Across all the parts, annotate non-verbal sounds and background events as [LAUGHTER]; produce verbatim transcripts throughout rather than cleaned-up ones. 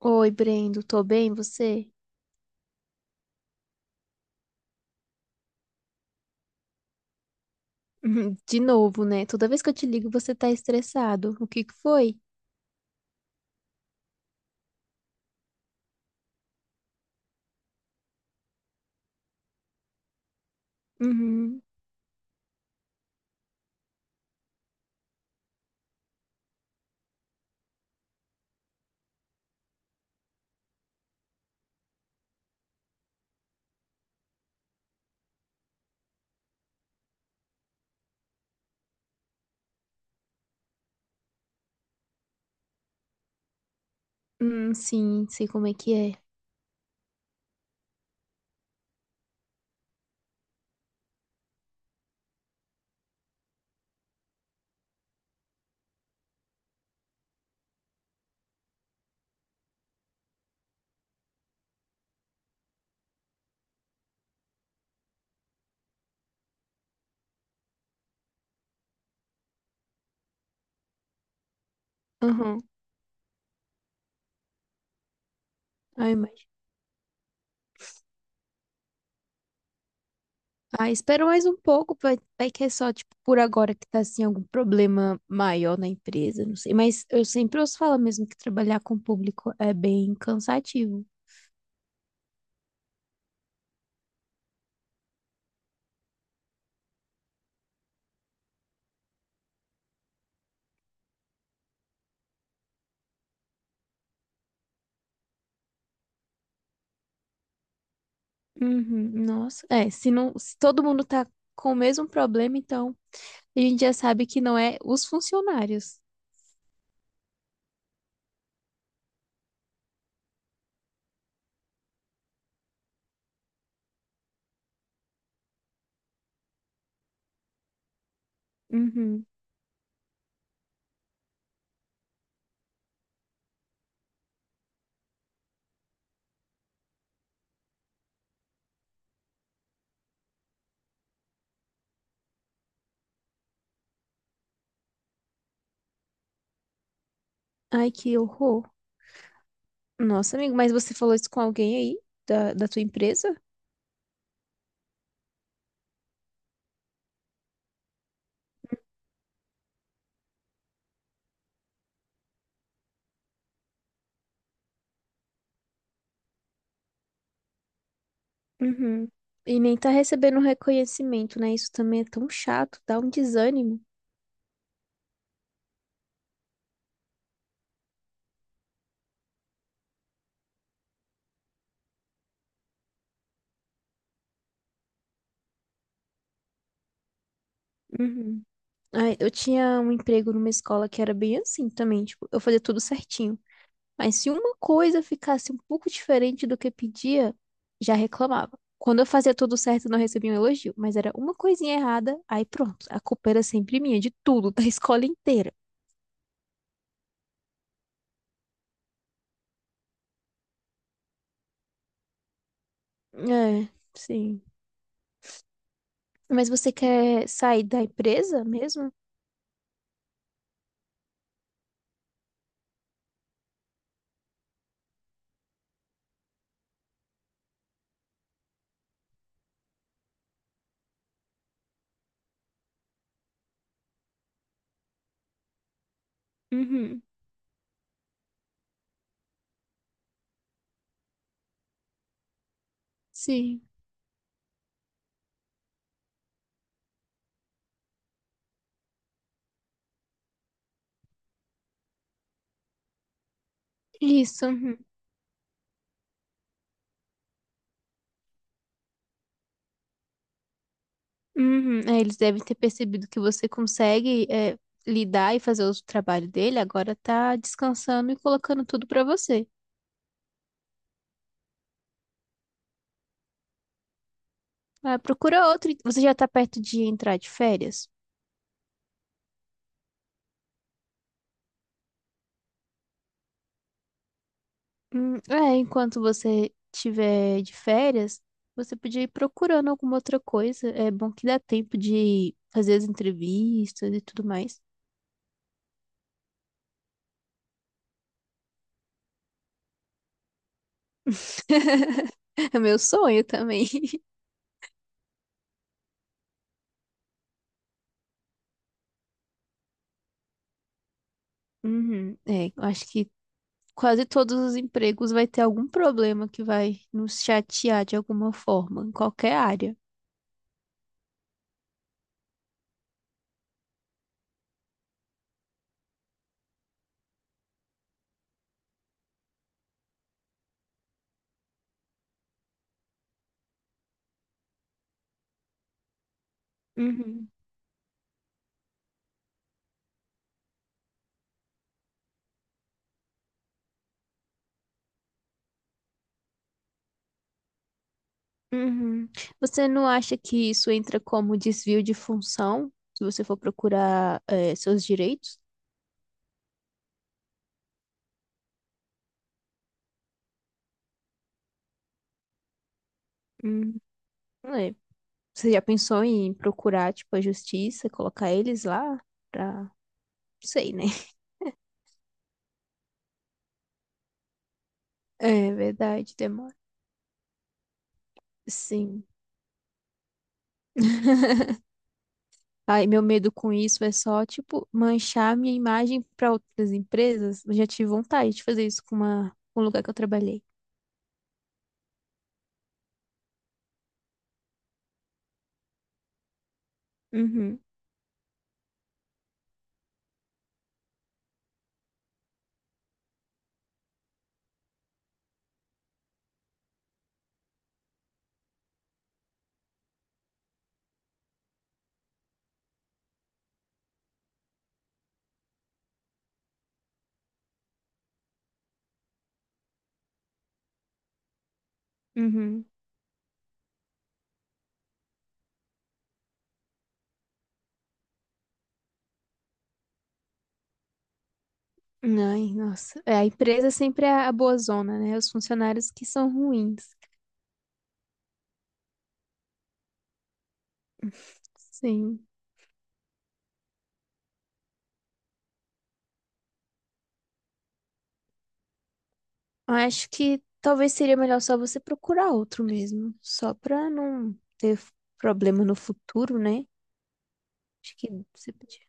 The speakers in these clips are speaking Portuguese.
Oi, Brendo, tô bem, você? Uhum. De novo, né? Toda vez que eu te ligo, você tá estressado. O que que foi? Uhum. Hum, sim, sei como é que é. Uhum. Ai, imagino. Ah, espera mais um pouco, vai, vai que é só, tipo, por agora que tá, assim, algum problema maior na empresa, não sei. Mas eu sempre ouço falar mesmo que trabalhar com o público é bem cansativo. Uhum. Nossa, é, se não, se todo mundo tá com o mesmo problema, então a gente já sabe que não é os funcionários. Uhum. Ai, que horror. Nossa, amigo, mas você falou isso com alguém aí da, da tua empresa? Uhum. E nem tá recebendo reconhecimento, né? Isso também é tão chato, dá um desânimo. Uhum. Ai, eu tinha um emprego numa escola que era bem assim também, tipo, eu fazia tudo certinho. Mas se uma coisa ficasse um pouco diferente do que pedia, já reclamava. Quando eu fazia tudo certo, não recebia um elogio, mas era uma coisinha errada, aí pronto, a culpa era sempre minha, de tudo, [LAUGHS] da escola inteira. É, sim. Mas você quer sair da empresa mesmo? Uhum. Sim. Isso. Uhum. Uhum. É, eles devem ter percebido que você consegue, é, lidar e fazer o trabalho dele. Agora tá descansando e colocando tudo pra você. Ah, procura outro. Você já tá perto de entrar de férias? Hum, é, enquanto você tiver de férias, você podia ir procurando alguma outra coisa. É bom que dá tempo de fazer as entrevistas e tudo mais. [LAUGHS] É meu sonho também. Uhum. É, eu acho que quase todos os empregos vai ter algum problema que vai nos chatear de alguma forma, em qualquer área. Uhum. Uhum. Você não acha que isso entra como desvio de função, se você for procurar, eh, seus direitos? Hum, não é. Você já pensou em procurar, tipo, a justiça, colocar eles lá pra... Não sei, né? [LAUGHS] É verdade, demora. Sim. Ai, meu medo com isso é só, tipo, manchar minha imagem para outras empresas. Eu já tive vontade de fazer isso com uma, com um lugar que eu trabalhei. Uhum, uhum. Ai, nossa. É, a empresa sempre é a boa zona, né? Os funcionários que são ruins. Sim. Eu acho que talvez seria melhor só você procurar outro mesmo, só pra não ter f- problema no futuro, né? Acho que você podia.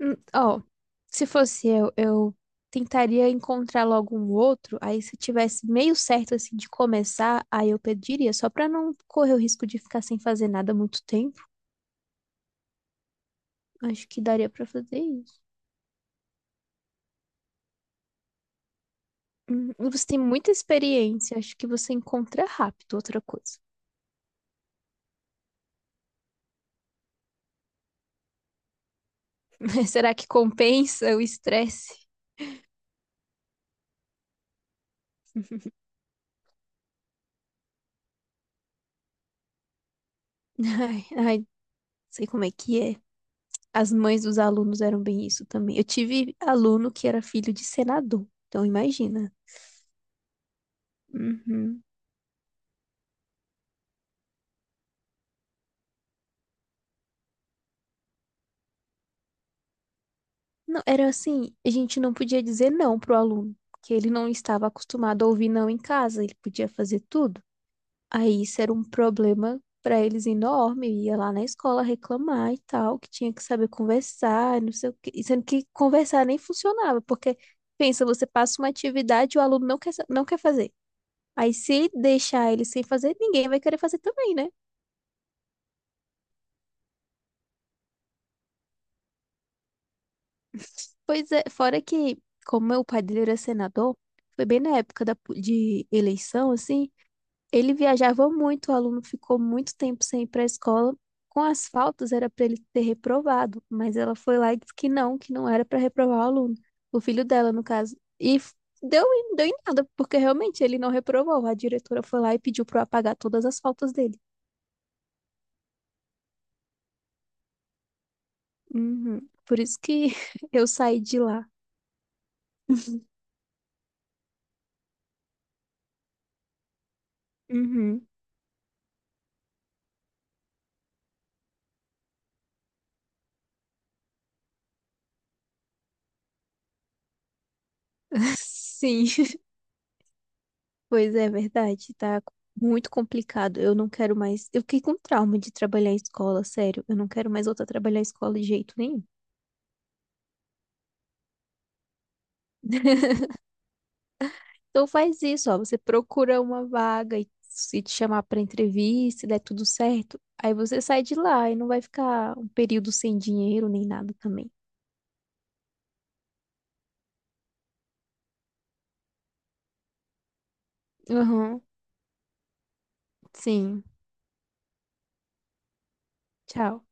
Hum, Ó, se fosse eu, eu tentaria encontrar logo um outro. Aí, se tivesse meio certo assim de começar, aí eu pediria, só pra não correr o risco de ficar sem fazer nada há muito tempo. Acho que daria pra fazer isso. Hum, e você tem muita experiência, acho que você encontra rápido outra coisa. [LAUGHS] Mas será que compensa o estresse? [LAUGHS] Ai, ai, sei como é que é. As mães dos alunos eram bem isso também. Eu tive aluno que era filho de senador, então imagina. Uhum. Não, era assim, a gente não podia dizer não pro aluno, que ele não estava acostumado a ouvir não em casa, ele podia fazer tudo. Aí isso era um problema para eles enorme, eu ia lá na escola reclamar e tal, que tinha que saber conversar, não sei o quê, e sendo que conversar nem funcionava, porque pensa, você passa uma atividade e o aluno não quer, sa- não quer fazer. Aí se deixar ele sem fazer, ninguém vai querer fazer também, né? Pois é, fora que, como meu pai dele era senador, foi bem na época da, po- de eleição, assim, ele viajava muito, o aluno ficou muito tempo sem ir para a escola. Com as faltas era para ele ter reprovado, mas ela foi lá e disse que não, que não era para reprovar o aluno, o filho dela, no caso. E f- deu, em- deu em nada, porque realmente ele não reprovou. A diretora foi lá e pediu para apagar todas as faltas dele. Uhum. Por isso que [LAUGHS] eu saí de lá. Uhum. [LAUGHS] Sim. Pois é, verdade, tá muito complicado. Eu não quero mais. Eu fiquei com trauma de trabalhar em escola, sério. Eu não quero mais voltar a trabalhar em escola de jeito nenhum. [LAUGHS] Então faz isso, ó. Você procura uma vaga e se te chamar pra entrevista, se der tudo certo, aí você sai de lá e não vai ficar um período sem dinheiro nem nada também. Aham, sim. Tchau.